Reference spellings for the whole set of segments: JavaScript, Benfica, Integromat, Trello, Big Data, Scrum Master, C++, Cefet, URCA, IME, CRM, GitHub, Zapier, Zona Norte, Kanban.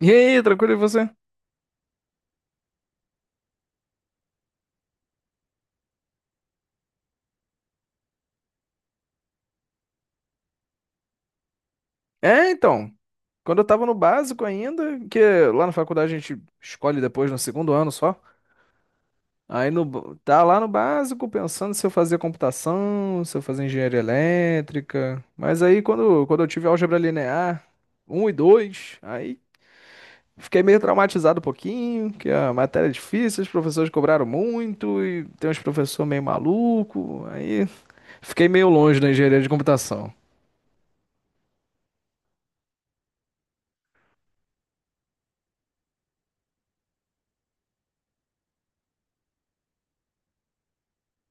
E aí, tranquilo, e você? É, então, quando eu tava no básico ainda, que lá na faculdade a gente escolhe depois no 2º ano só. Aí no, b- Tá lá no básico pensando se eu fazia computação, se eu fazia engenharia elétrica. Mas aí quando eu tive álgebra linear 1 e 2, aí fiquei meio traumatizado um pouquinho, que a matéria é difícil, os professores cobraram muito e tem uns professores meio maluco. Aí fiquei meio longe da engenharia de computação.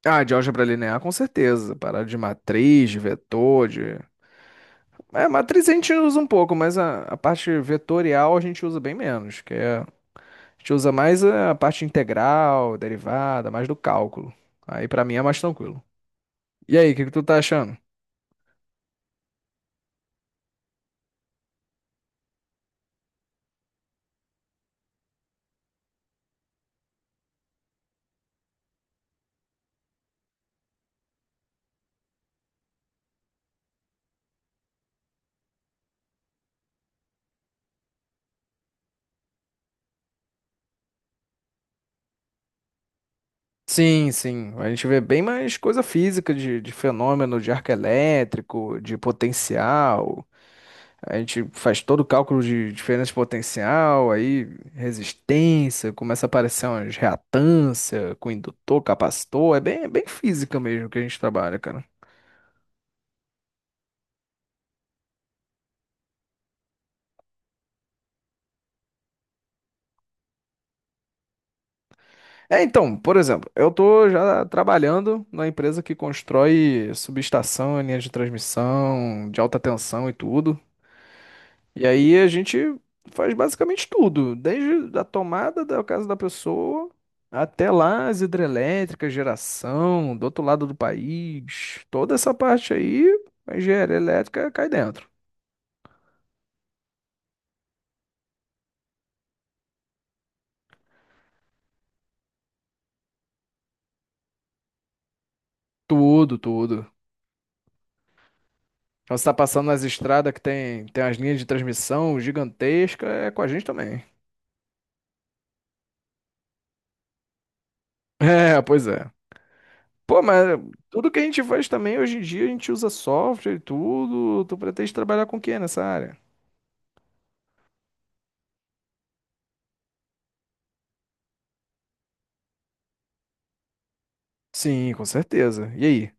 Ah, de álgebra linear, com certeza. Parada de matriz, de vetor, de... É, matriz a gente usa um pouco, mas a parte vetorial a gente usa bem menos, que é... A gente usa mais a parte integral, derivada, mais do cálculo. Aí pra mim é mais tranquilo. E aí, o que que tu tá achando? Sim, sim. A gente vê bem mais coisa física, de fenômeno de arco elétrico, de potencial. A gente faz todo o cálculo de diferença de potencial, aí resistência, começa a aparecer umas reatância com indutor, capacitor, é bem física mesmo que a gente trabalha, cara. É, então, por exemplo, eu tô já trabalhando na empresa que constrói subestação, linha de transmissão, de alta tensão e tudo. E aí a gente faz basicamente tudo, desde a tomada da casa da pessoa até lá as hidrelétricas, geração, do outro lado do país, toda essa parte aí, a engenharia elétrica cai dentro. Tudo, tudo. Então, você está passando nas estradas que tem, tem as linhas de transmissão gigantescas, é com a gente também. É, pois é. Pô, mas tudo que a gente faz também, hoje em dia, a gente usa software e tudo. Tu pretende trabalhar com o quê nessa área? Sim, com certeza. E aí?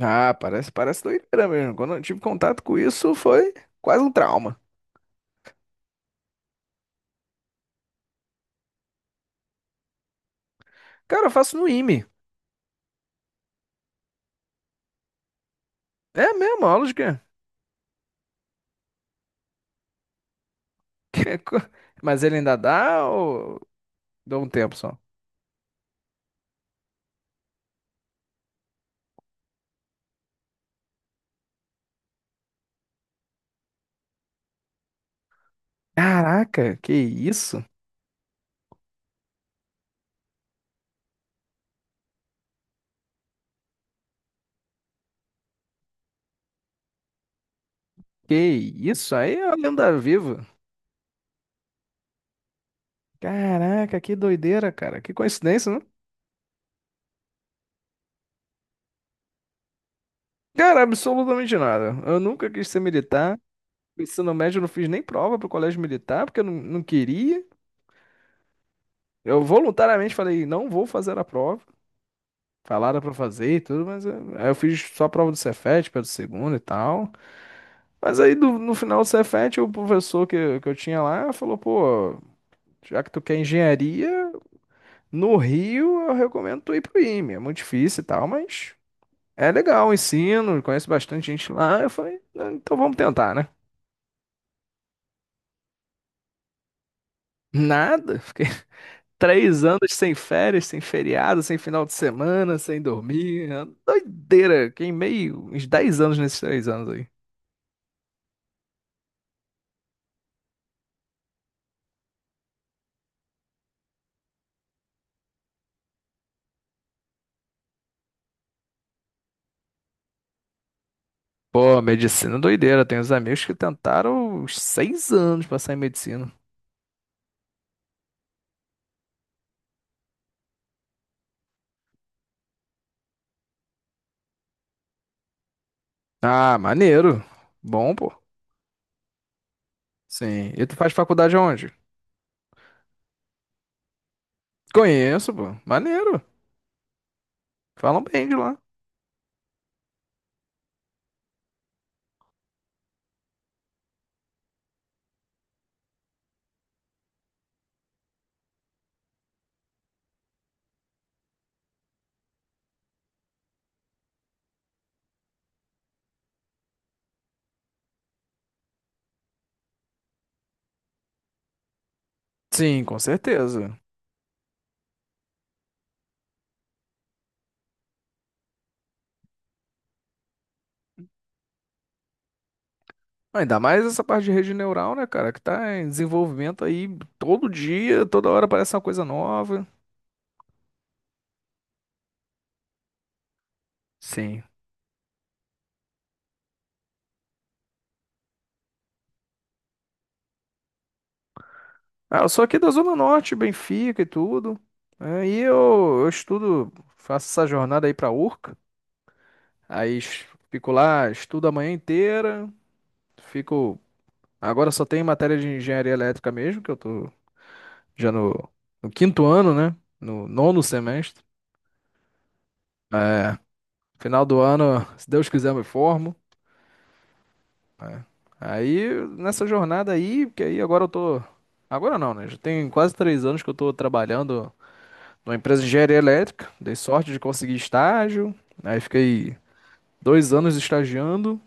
Ah, parece, parece doideira mesmo. Quando eu tive contato com isso, foi quase um trauma. Cara, eu faço no IME. É mesmo, aula de quê? co- Mas ele ainda dá ou dá um tempo só? Caraca, que isso? Que isso? Aí é uma lenda viva. Caraca, que doideira, cara. Que coincidência, né? Cara, absolutamente nada. Eu nunca quis ser militar. No ensino médio, eu não fiz nem prova pro colégio militar, porque eu não queria. Eu voluntariamente falei, não vou fazer a prova. Falaram pra fazer e tudo, aí eu fiz só a prova do Cefet, pelo segundo e tal. Mas aí no final do Cefet, o professor que eu tinha lá falou, pô, já que tu quer engenharia, no Rio eu recomendo tu ir pro IME. É muito difícil e tal, mas é legal o ensino, conheço bastante gente lá. Eu falei, "Ah, então vamos tentar, né? Nada, fiquei 3 anos sem férias, sem feriado, sem final de semana, sem dormir. É uma doideira, queimei uns 10 anos nesses 3 anos aí. Pô, medicina é doideira. Tem uns amigos que tentaram uns 6 anos pra sair em medicina. Ah, maneiro. Bom, pô. Sim. E tu faz faculdade aonde? Conheço, pô. Maneiro. Falam bem de lá. Sim, com certeza. Ainda mais essa parte de rede neural, né, cara? Que tá em desenvolvimento aí todo dia, toda hora aparece uma coisa nova. Sim. Ah, eu sou aqui da Zona Norte, Benfica e tudo. É, e eu estudo, faço essa jornada aí pra URCA. Aí es- Fico lá, estudo a manhã inteira, fico. Agora só tem matéria de engenharia elétrica mesmo, que eu tô já no 5º ano, né? No 9º semestre. É, final do ano, se Deus quiser, eu me formo. É. Aí, nessa jornada aí, porque aí agora eu tô. Agora não, né? Já tem quase 3 anos que eu tô trabalhando numa empresa de engenharia elétrica. Dei sorte de conseguir estágio. Aí fiquei 2 anos estagiando.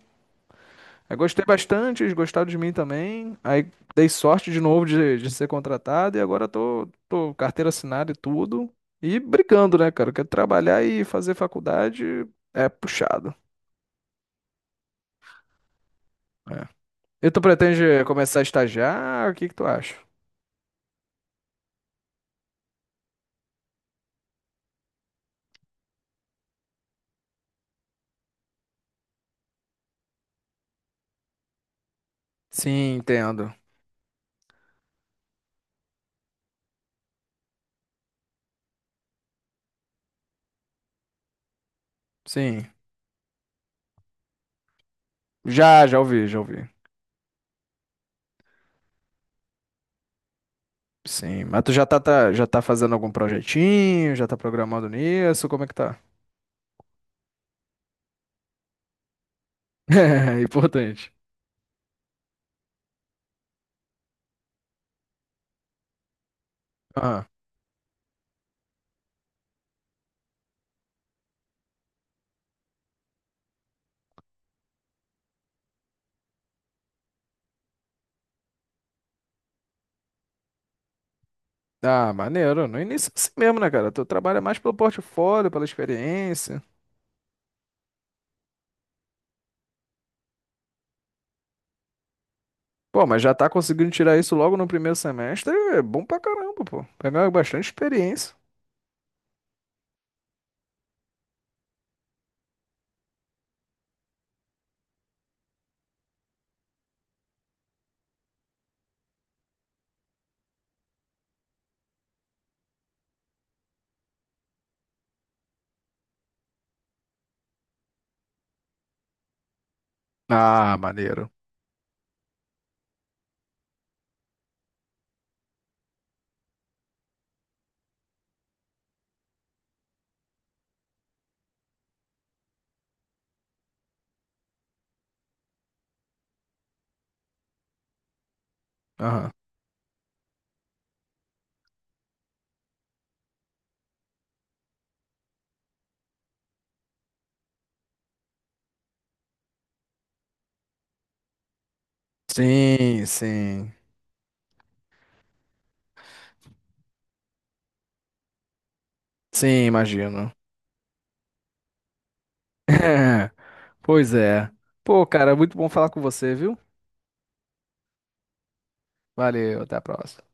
Aí gostei bastante, eles gostaram de mim também. Aí dei sorte de novo de ser contratado e agora tô carteira assinada e tudo. E brigando, né, cara? Quero trabalhar e fazer faculdade é puxado. É. E tu pretende começar a estagiar? O que que tu acha? Sim, entendo. Sim. Já ouvi, já ouvi. Sim, mas tu já tá fazendo algum projetinho? Já tá programando nisso? Como é que tá? É, importante. Ah, maneiro. No início é assim mesmo, né, cara? Tu trabalha mais pelo portfólio, pela experiência. Pô, mas já tá conseguindo tirar isso logo no primeiro semestre, é bom pra caramba, pô. Pegar bastante experiência. Ah, maneiro. Aham. Sim, sim. Sim, imagino. É. Pois é. Pô, cara, muito bom falar com você, viu? Valeu, até a próxima.